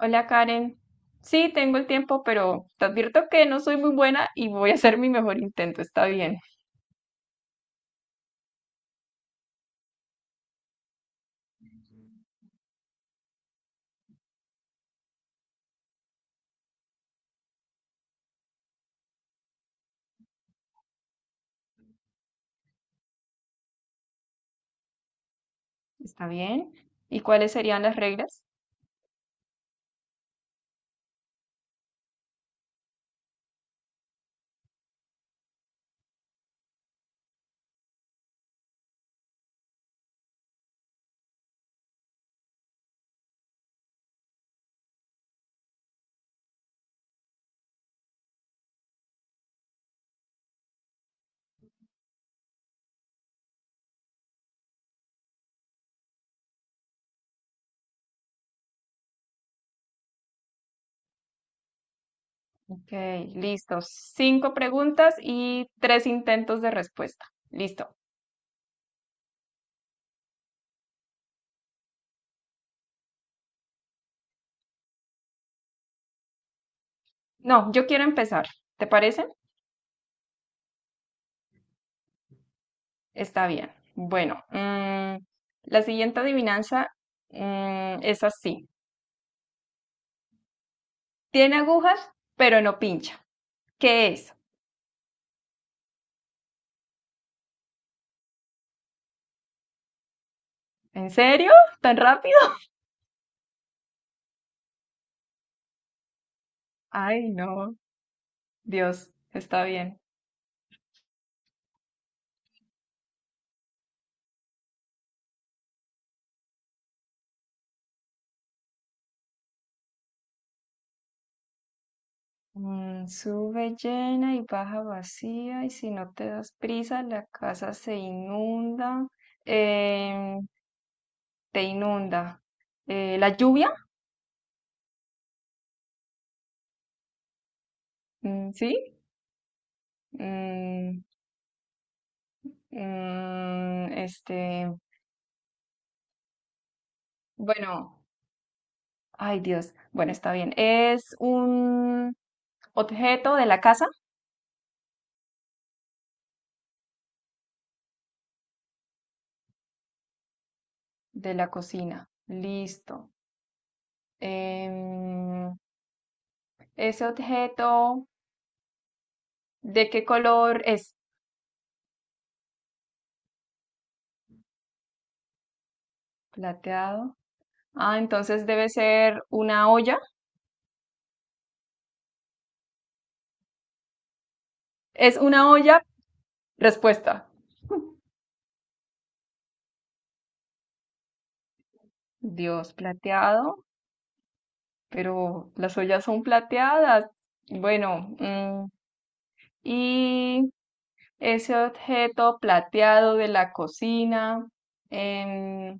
Hola Karen, sí tengo el tiempo, pero te advierto que no soy muy buena y voy a hacer mi mejor intento. Está bien, está bien. ¿Y cuáles serían las reglas? Ok, listo. Cinco preguntas y tres intentos de respuesta. Listo. No, yo quiero empezar. ¿Te parece? Está bien. Bueno, la siguiente adivinanza, es así. Tiene agujas, pero no pincha. ¿Qué es? ¿En serio? ¿Tan rápido? Ay, no. Dios, está bien. Mm, sube llena y baja vacía, y si no te das prisa, la casa se inunda, eh, te inunda. La lluvia, mm, ¿sí? Mm, mm, este, bueno, ay Dios, bueno, está bien. Es un objeto de la casa, de la cocina. Listo. Em, ese objeto, ¿de qué color es? Plateado. Ah, entonces debe ser una olla. Es una olla, respuesta. Dios, plateado, pero las ollas son plateadas. Bueno, y ese objeto plateado de la cocina, em,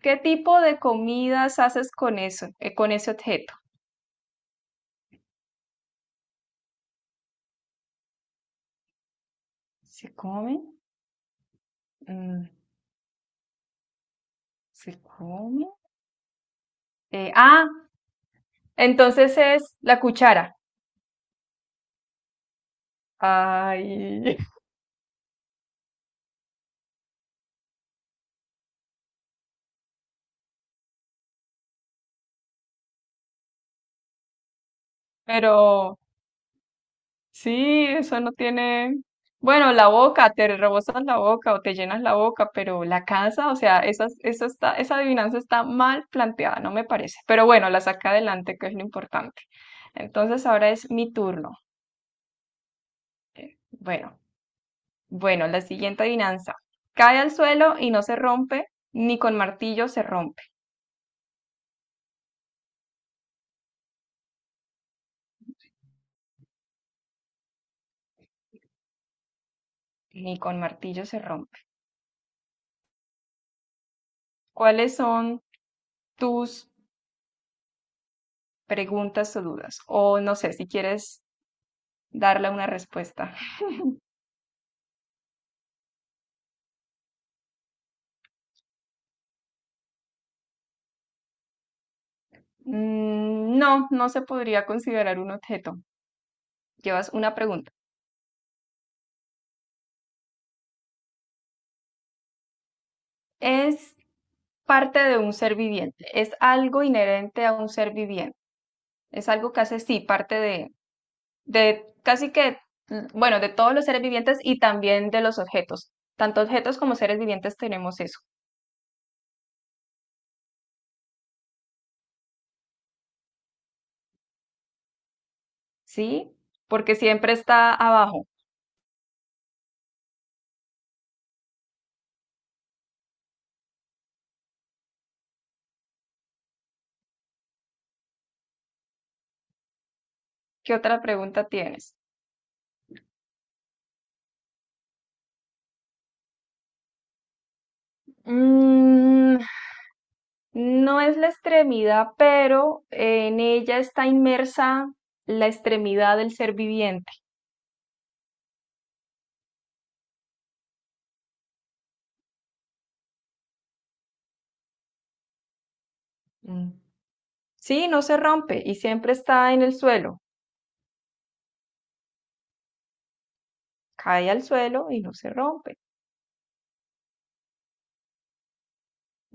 ¿qué tipo de comidas haces con eso, con ese objeto? ¿Se come? Mm, ¿se come? Eh, ah, entonces es la cuchara. Ay, pero... Sí, eso no tiene. Bueno, la boca, te rebosas la boca o te llenas la boca, pero la casa, o sea, esas, eso está, esa adivinanza está mal planteada, no me parece. Pero bueno, la saca adelante, que es lo importante. Entonces ahora es mi turno. Bueno, bueno, la siguiente adivinanza. Cae al suelo y no se rompe, ni con martillo se rompe, ni con martillo se rompe. ¿Cuáles son tus preguntas o dudas? O no sé, si quieres darle una respuesta. Mm, no, no se podría considerar un objeto. Llevas una pregunta. Es parte de un ser viviente. Es algo inherente a un ser viviente. Es algo que hace, sí, parte de casi que, bueno, de todos los seres vivientes y también de los objetos. Tanto objetos como seres vivientes tenemos eso, ¿sí? Porque siempre está abajo. ¿Qué otra pregunta tienes? Mm, no es la extremidad, pero en ella está inmersa la extremidad del ser viviente. Mm. Sí, no se rompe y siempre está en el suelo. Cae al suelo y no se rompe.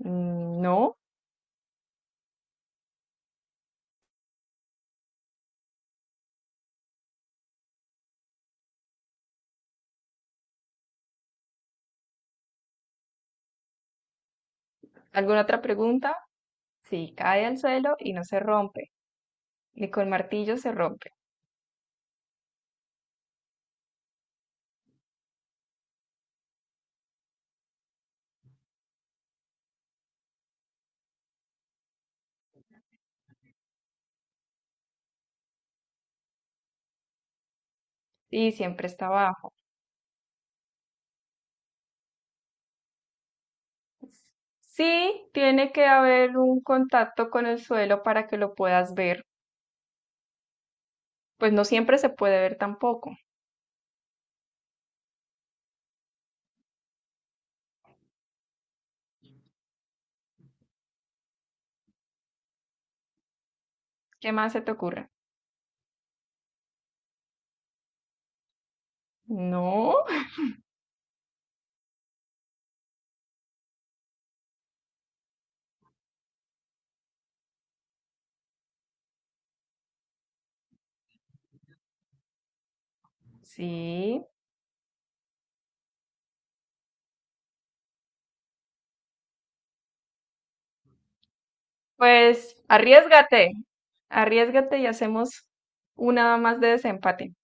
Mm, no. ¿Alguna otra pregunta? Sí, cae al suelo y no se rompe. Ni con martillo se rompe. Y siempre está abajo. Sí, tiene que haber un contacto con el suelo para que lo puedas ver. Pues no siempre se puede ver tampoco. ¿Qué más se te ocurre? No. Sí, pues arriesgate, arriesgate y hacemos una más de desempate.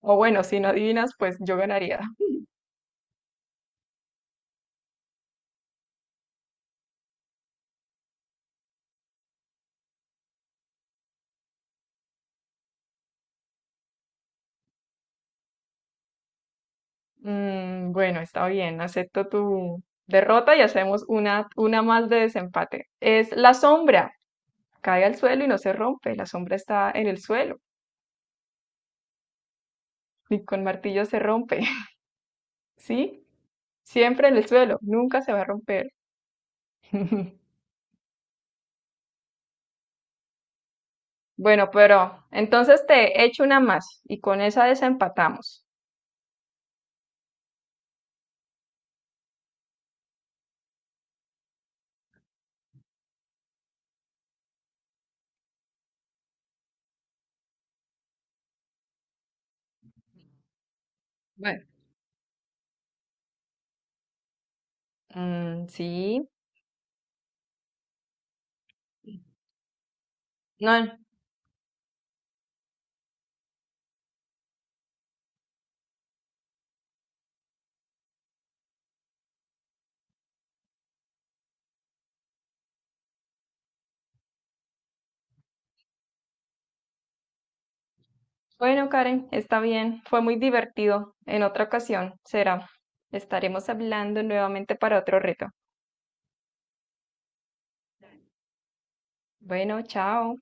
O bueno, si no adivinas, pues yo ganaría. Bueno, está bien, acepto tu derrota y hacemos una más de desempate. Es la sombra, cae al suelo y no se rompe, la sombra está en el suelo y con martillo se rompe, ¿sí? Siempre en el suelo, nunca se va a romper. Bueno, pero entonces te echo una más y con esa desempatamos. Bueno, mm, sí. No, bueno, Karen, está bien. Fue muy divertido. En otra ocasión será. Estaremos hablando nuevamente para otro reto. Bueno, chao.